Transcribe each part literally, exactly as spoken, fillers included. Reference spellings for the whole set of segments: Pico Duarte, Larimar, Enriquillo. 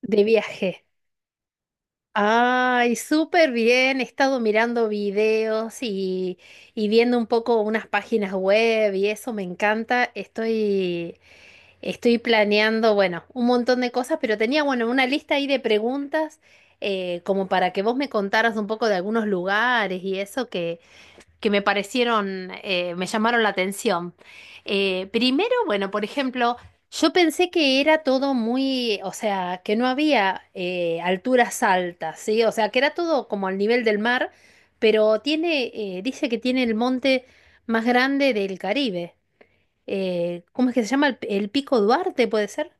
De viaje. Ay, súper bien. He estado mirando videos y, y viendo un poco unas páginas web y eso me encanta. Estoy, estoy planeando, bueno, un montón de cosas, pero tenía, bueno, una lista ahí de preguntas eh, como para que vos me contaras un poco de algunos lugares y eso que me parecieron, eh, me llamaron la atención. Eh, primero, bueno, por ejemplo, yo pensé que era todo muy, o sea, que no había eh, alturas altas, ¿sí? O sea, que era todo como al nivel del mar, pero tiene, eh, dice que tiene el monte más grande del Caribe. Eh, ¿cómo es que se llama? ¿El, el Pico Duarte, puede ser?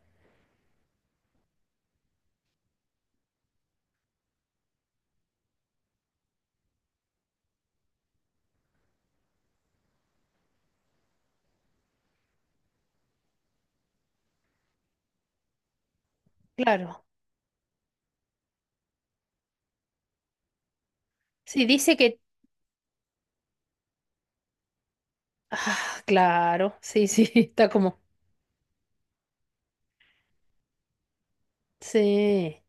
Claro. Sí, dice que. Ah, claro, sí, sí, está como. Sí,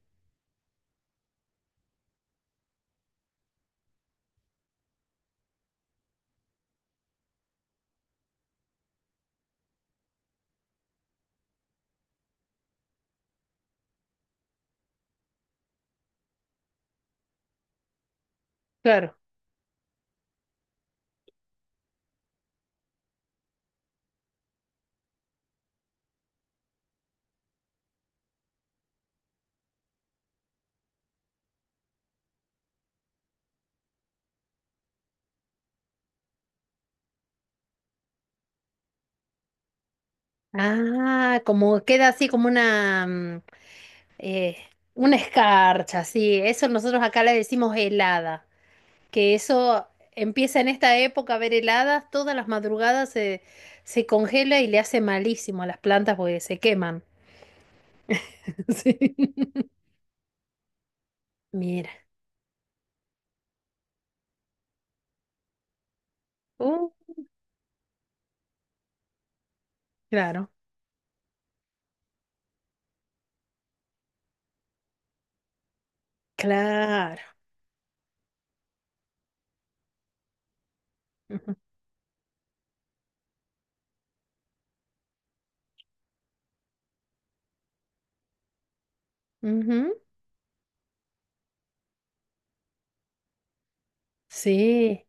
claro. Ah, como queda así como una, mm, eh, una escarcha, sí. Eso nosotros acá le decimos helada, que eso empieza en esta época a ver heladas, todas las madrugadas se, se congela y le hace malísimo a las plantas porque se queman. Sí. Mira. Uh, claro, claro. Ujú, ujú. Sí,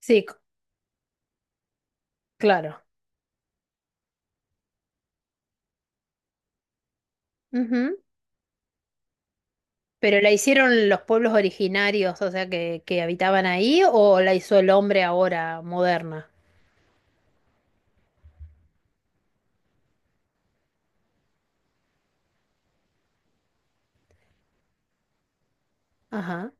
sí, c- claro. ¿Pero la hicieron los pueblos originarios, o sea, que, que habitaban ahí, o la hizo el hombre ahora, moderna? Ajá,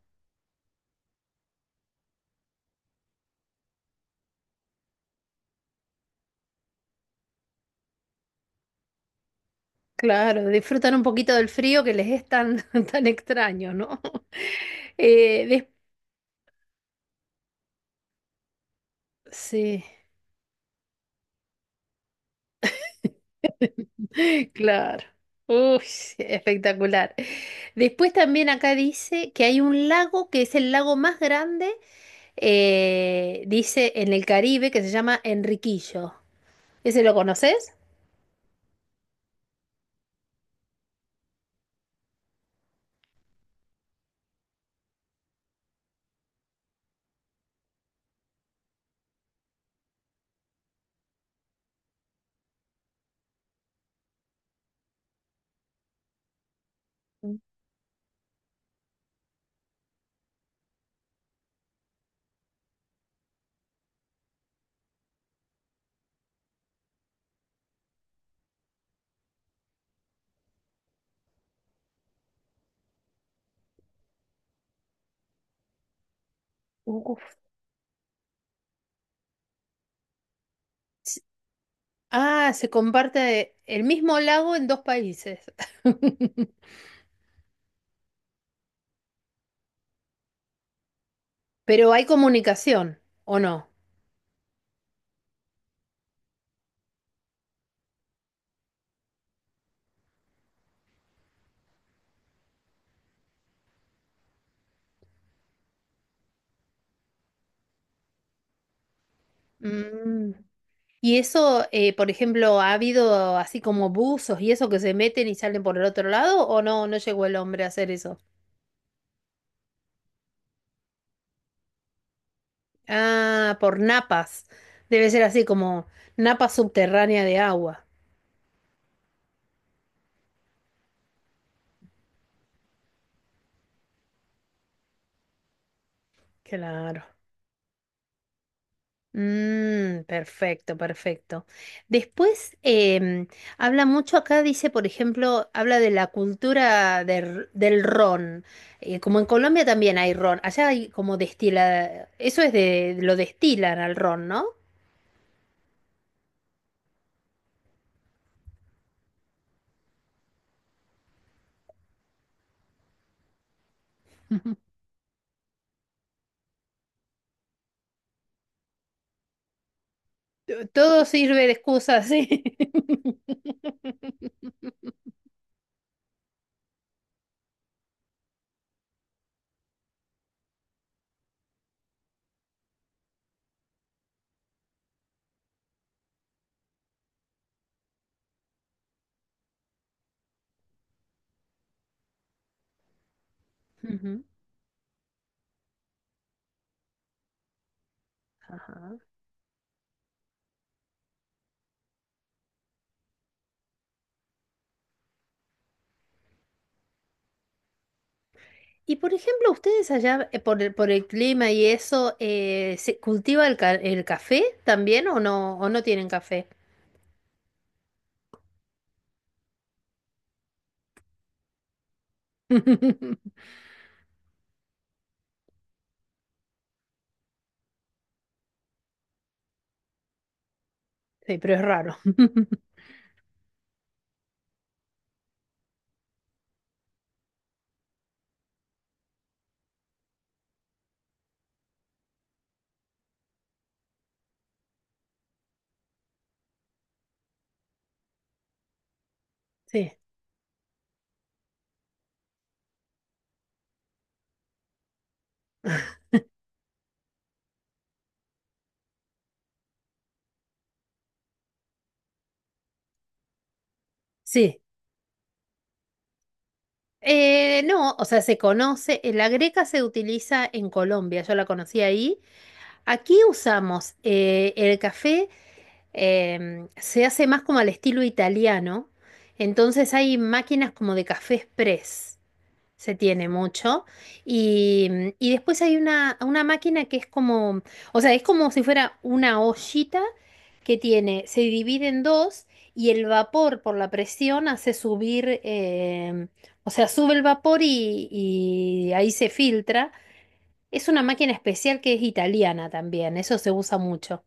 claro, disfrutan un poquito del frío que les es tan, tan extraño, ¿no? Eh, des- Sí, claro. Uy, espectacular. Después también acá dice que hay un lago que es el lago más grande, eh, dice en el Caribe, que se llama Enriquillo. ¿Ese lo conoces? Uf. Ah, se comparte el mismo lago en dos países. Pero hay comunicación, ¿o no? Mm. Y eso, eh, por ejemplo, ¿ha habido así como buzos y eso que se meten y salen por el otro lado? ¿O no? No llegó el hombre a hacer eso. Ah, por napas. Debe ser así como napa subterránea de agua. Claro. Mm, perfecto, perfecto. Después em, habla mucho acá, dice, por ejemplo, habla de la cultura del, del ron. Eh, como en Colombia también hay ron, allá hay como destila, eso es de, lo destilan al ron, ¿no? Ujú. T- Todo sirve de excusa, sí. Ujú, ajá. Y por ejemplo, ustedes allá eh, por el, por el clima y eso, eh, ¿se cultiva el, ca- el café también o no, o no tienen café? Sí, pero es raro. Sí, sí. Eh, no, o sea, se conoce, eh, la greca se utiliza en Colombia, yo la conocí ahí. Aquí usamos eh, el café, em, se hace más como al estilo italiano, entonces hay máquinas como de café express. Se tiene mucho. Y, mm, y después hay una, una máquina que es como, o sea, es como si fuera una ollita que tiene, se divide en dos y el vapor por la presión hace subir, eh, o sea, sube el vapor y, y ahí se filtra. Es una máquina especial que es italiana también, eso se usa mucho.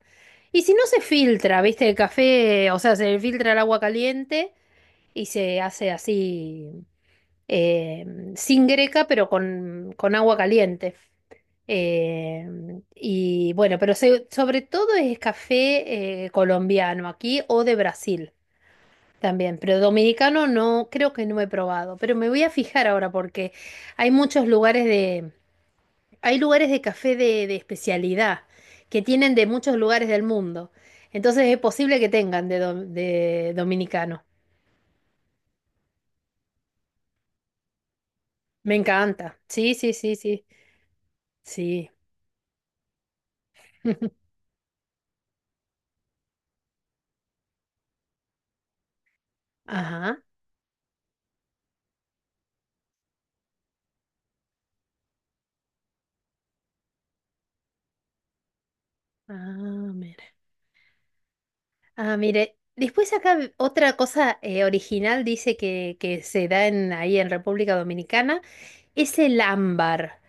Y si no se filtra, viste, el café, o sea, se filtra el agua caliente y se hace así eh, sin greca, pero con, con agua caliente. Eh, y bueno, pero se- sobre todo es café eh, colombiano aquí o de Brasil también, pero dominicano no, creo que no he probado, pero me voy a fijar ahora porque hay muchos lugares de, hay lugares de café de, de especialidad que tienen de muchos lugares del mundo, entonces es posible que tengan de, dom- de dominicano. Me encanta, sí, sí, sí, sí, sí. Ajá. Ah, mire. Ah, mire. Después acá v- otra cosa eh, original dice que, que se da en, ahí en República Dominicana es el ámbar.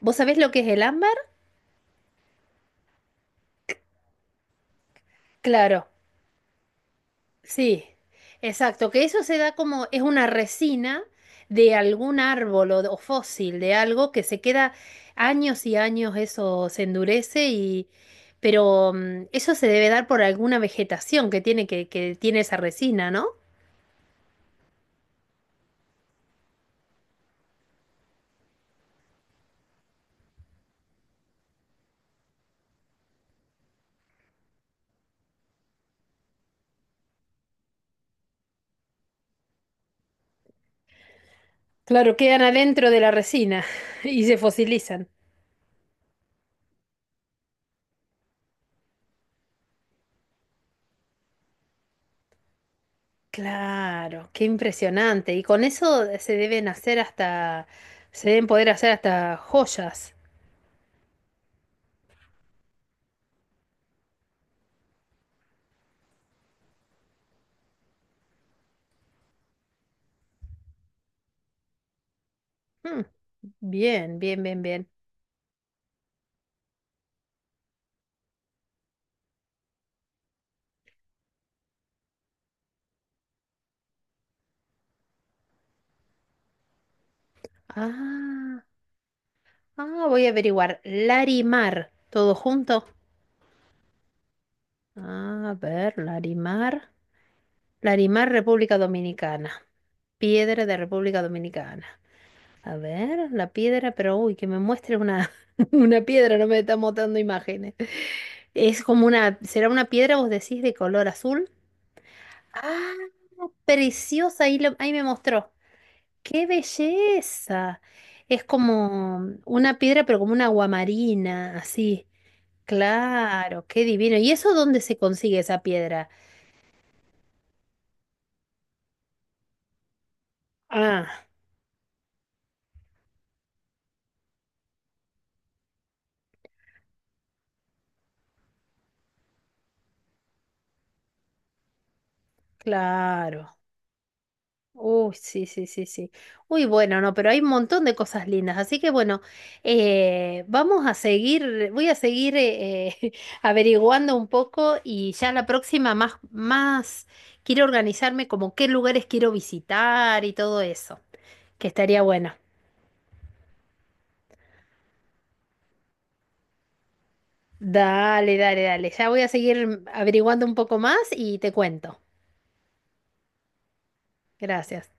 ¿Vos sabés lo que es el ámbar? Claro, sí, exacto, que eso se da como es una resina de algún árbol o, o fósil de algo que se queda años y años, eso se endurece y pero mm, eso se debe dar por alguna vegetación que tiene que, que tiene esa resina, ¿no? Claro, quedan adentro de la resina y se fosilizan. Claro, qué impresionante. Y con eso eh, se deben hacer hasta, se deben poder hacer hasta joyas. Mm, bien, bien, bien, bien. Ah, ah, voy a averiguar. Larimar, todo junto. A ver, Larimar. Larimar, República Dominicana. Piedra de República Dominicana. A ver, la piedra, pero uy, que me muestre una, una piedra, no me está mostrando imágenes. Es como una, será una piedra, vos decís, de color azul. Ah, preciosa, ahí, lo- ahí me mostró. ¡Qué belleza! Es como una piedra, pero como una guamarina, así. Claro, qué divino. ¿Y eso dónde se consigue esa piedra? Ah, claro. Uy, sí, sí, sí, sí. Uy, bueno, no, pero hay un montón de cosas lindas. Así que bueno, eh, vamos a seguir, voy a seguir eh, eh, averiguando un poco y ya la próxima más, más quiero organizarme como qué lugares quiero visitar y todo eso, que estaría bueno. Dale, dale, dale. Ya voy a seguir averiguando un poco más y te cuento. Gracias.